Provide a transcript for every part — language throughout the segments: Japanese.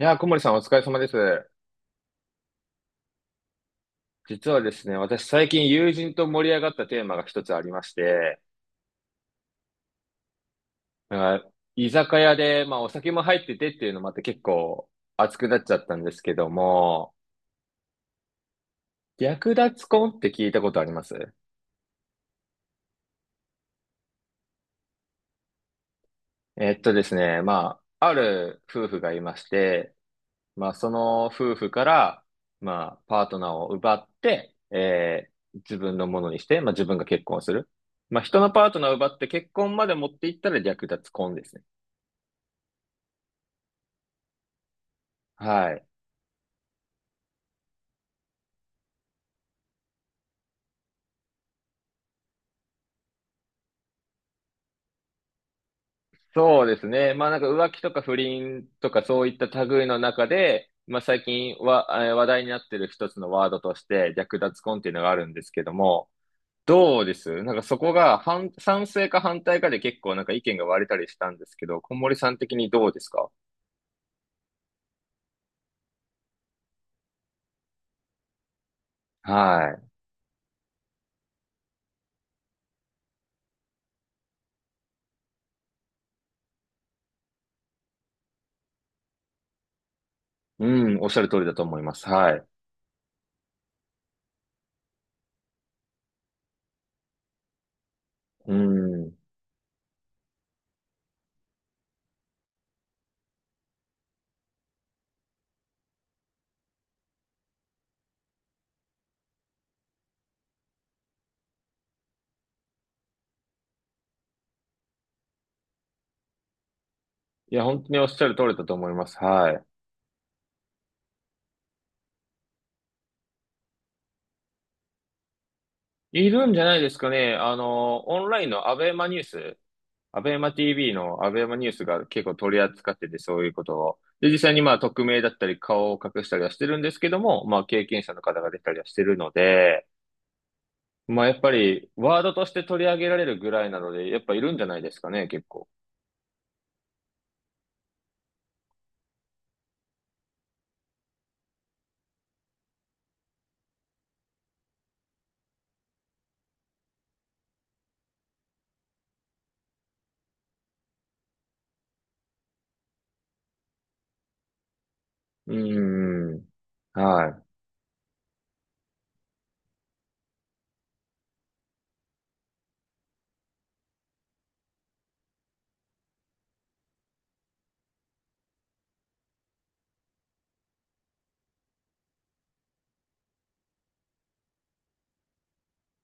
いやー、小森さんお疲れ様です。実はですね、私最近友人と盛り上がったテーマが一つありまして、なんか居酒屋で、まあお酒も入っててっていうのもあって結構熱くなっちゃったんですけども、略奪婚って聞いたことあります？ですね、まあ、ある夫婦がいまして、まあその夫婦から、まあパートナーを奪って、自分のものにして、まあ自分が結婚する。まあ人のパートナーを奪って結婚まで持っていったら略奪婚ですね。はい。そうですね。まあなんか浮気とか不倫とかそういった類の中で、まあ最近は、話題になってる一つのワードとして略奪婚っていうのがあるんですけども、どうです、なんかそこが賛成か反対かで結構なんか意見が割れたりしたんですけど、小森さん的にどうですか？はい。うん、おっしゃる通りだと思います。はい。うん。いや、本当におっしゃる通りだと思います。はい。いるんじゃないですかね。あの、オンラインのアベマ TV のアベマニュースが結構取り扱ってて、そういうことを。で、実際にまあ、匿名だったり、顔を隠したりはしてるんですけども、まあ、経験者の方が出たりはしてるので、まあ、やっぱり、ワードとして取り上げられるぐらいなので、やっぱいるんじゃないですかね、結構。うーん。はい。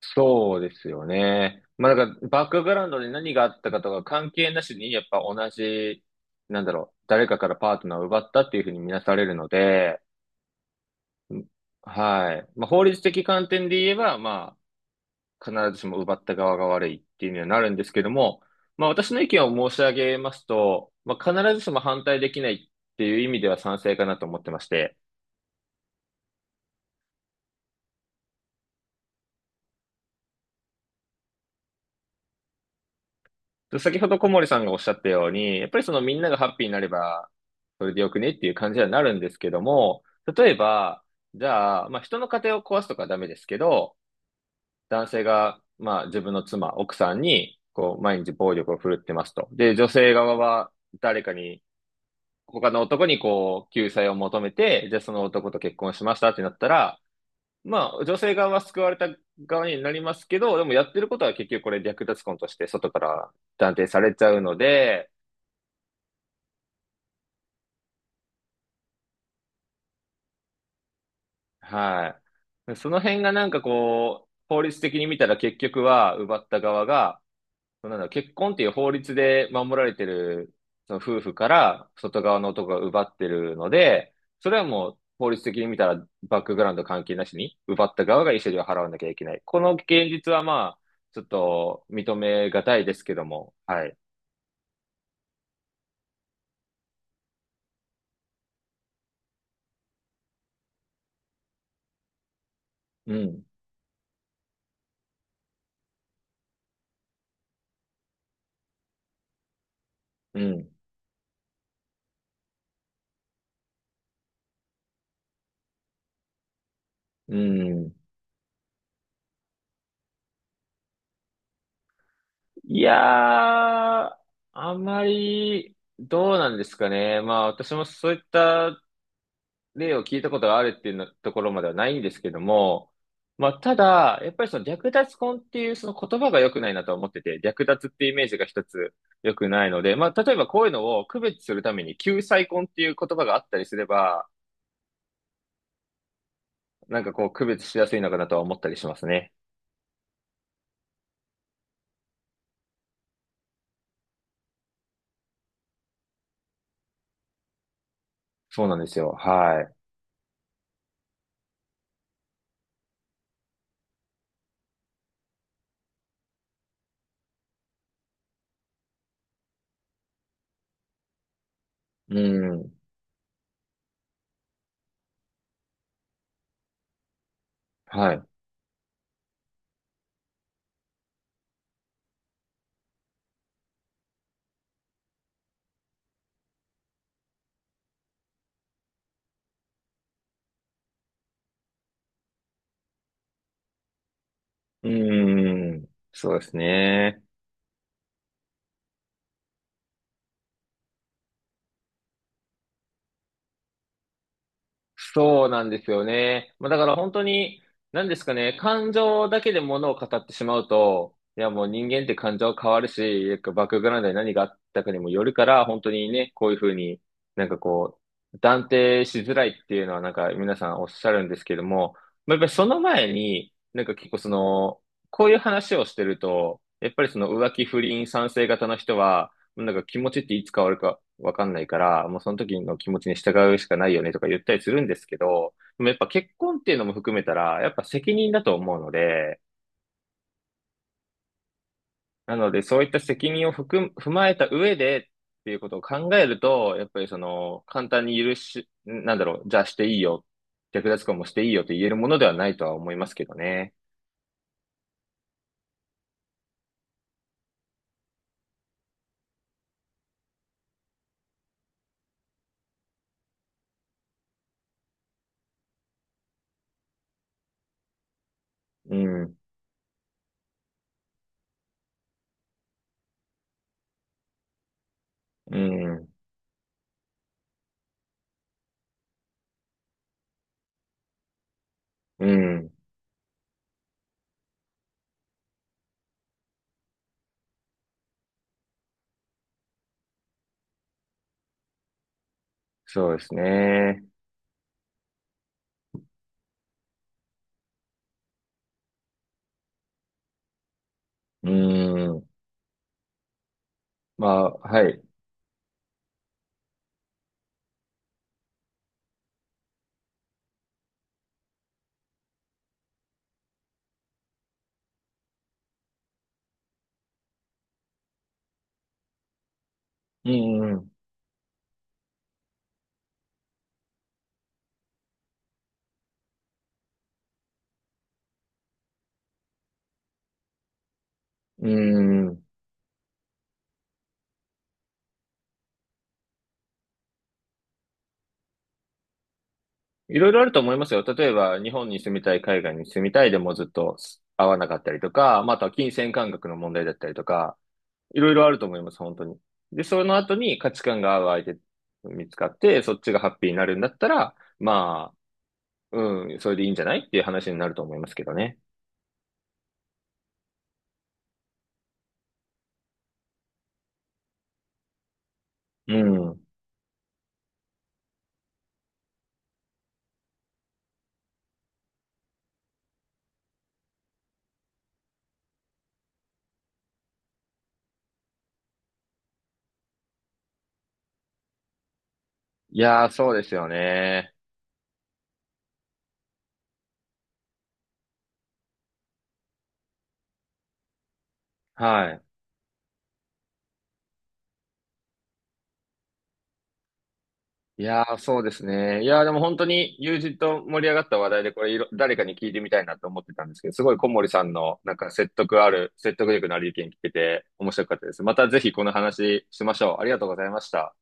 そうですよね。まあ、だから、バックグラウンドで何があったかとか関係なしに、やっぱ同じ、なんだろう、誰かからパートナーを奪ったっていうふうに見なされるので、うん。はい。まあ、法律的観点で言えば、まあ、必ずしも奪った側が悪いっていうにはなるんですけども、まあ、私の意見を申し上げますと、まあ、必ずしも反対できないっていう意味では賛成かなと思ってまして、先ほど小森さんがおっしゃったように、やっぱりそのみんながハッピーになれば、それでよくねっていう感じにはなるんですけども、例えば、じゃあ、まあ、人の家庭を壊すとかはダメですけど、男性が、まあ、自分の妻、奥さんに、こう、毎日暴力を振るってますと。で、女性側は誰かに、他の男にこう、救済を求めて、じゃあその男と結婚しましたってなったら、まあ、女性側は救われた側になりますけど、でもやってることは結局これ略奪婚として外から断定されちゃうので、はい。その辺がなんかこう、法律的に見たら結局は奪った側がそなんだ結婚っていう法律で守られてる、その夫婦から外側の男が奪ってるので、それはもう法律的に見たらバックグラウンド関係なしに、奪った側が慰謝料を払わなきゃいけない。この現実はまあ、ちょっと認めがたいですけども、はい。うん、うん、うん。いやー、あまり、どうなんですかね。まあ私もそういった例を聞いたことがあるっていうのところまではないんですけども、まあ、ただ、やっぱりその略奪婚っていうその言葉が良くないなと思ってて、略奪っていうイメージが一つ良くないので、まあ、例えばこういうのを区別するために救済婚っていう言葉があったりすれば、なんかこう区別しやすいのかなとは思ったりしますね。そうなんですよ。はい。うん。はい。うん。そうですね。そうなんですよね。まあ、だから本当に、何ですかね、感情だけで物を語ってしまうと、いやもう人間って感情は変わるし、バックグラウンドに何があったかにもよるから、本当にね、こういうふうになんかこう、断定しづらいっていうのはなんか皆さんおっしゃるんですけども、まあ、やっぱりその前に、なんか結構その、こういう話をしてると、やっぱりその浮気不倫賛成型の人は、なんか気持ちっていつ変わるかわかんないから、もうその時の気持ちに従うしかないよねとか言ったりするんですけど、でもやっぱ結婚っていうのも含めたら、やっぱ責任だと思うので、なのでそういった責任を含む、踏まえた上でっていうことを考えると、やっぱりその簡単に許し、なんだろう、じゃあしていいよ、略奪婚もしていいよと言えるものではないとは思いますけどね。うん、うん、うん、そうですね。うん、まあ、はい。うん、うん。いろいろあると思いますよ。例えば、日本に住みたい、海外に住みたいでもずっと合わなかったりとか、まああとは金銭感覚の問題だったりとか、いろいろあると思います、本当に。で、その後に価値観が合う相手見つかって、そっちがハッピーになるんだったら、まあ、うん、それでいいんじゃないっていう話になると思いますけどね。うん。いやー、そうですよね。はい。いやー、そうですね。いやー、でも本当に友人と盛り上がった話題で、これいろ、誰かに聞いてみたいなと思ってたんですけど、すごい小森さんの、なんか説得力のある意見聞けて面白かったです。またぜひこの話しましょう。ありがとうございました。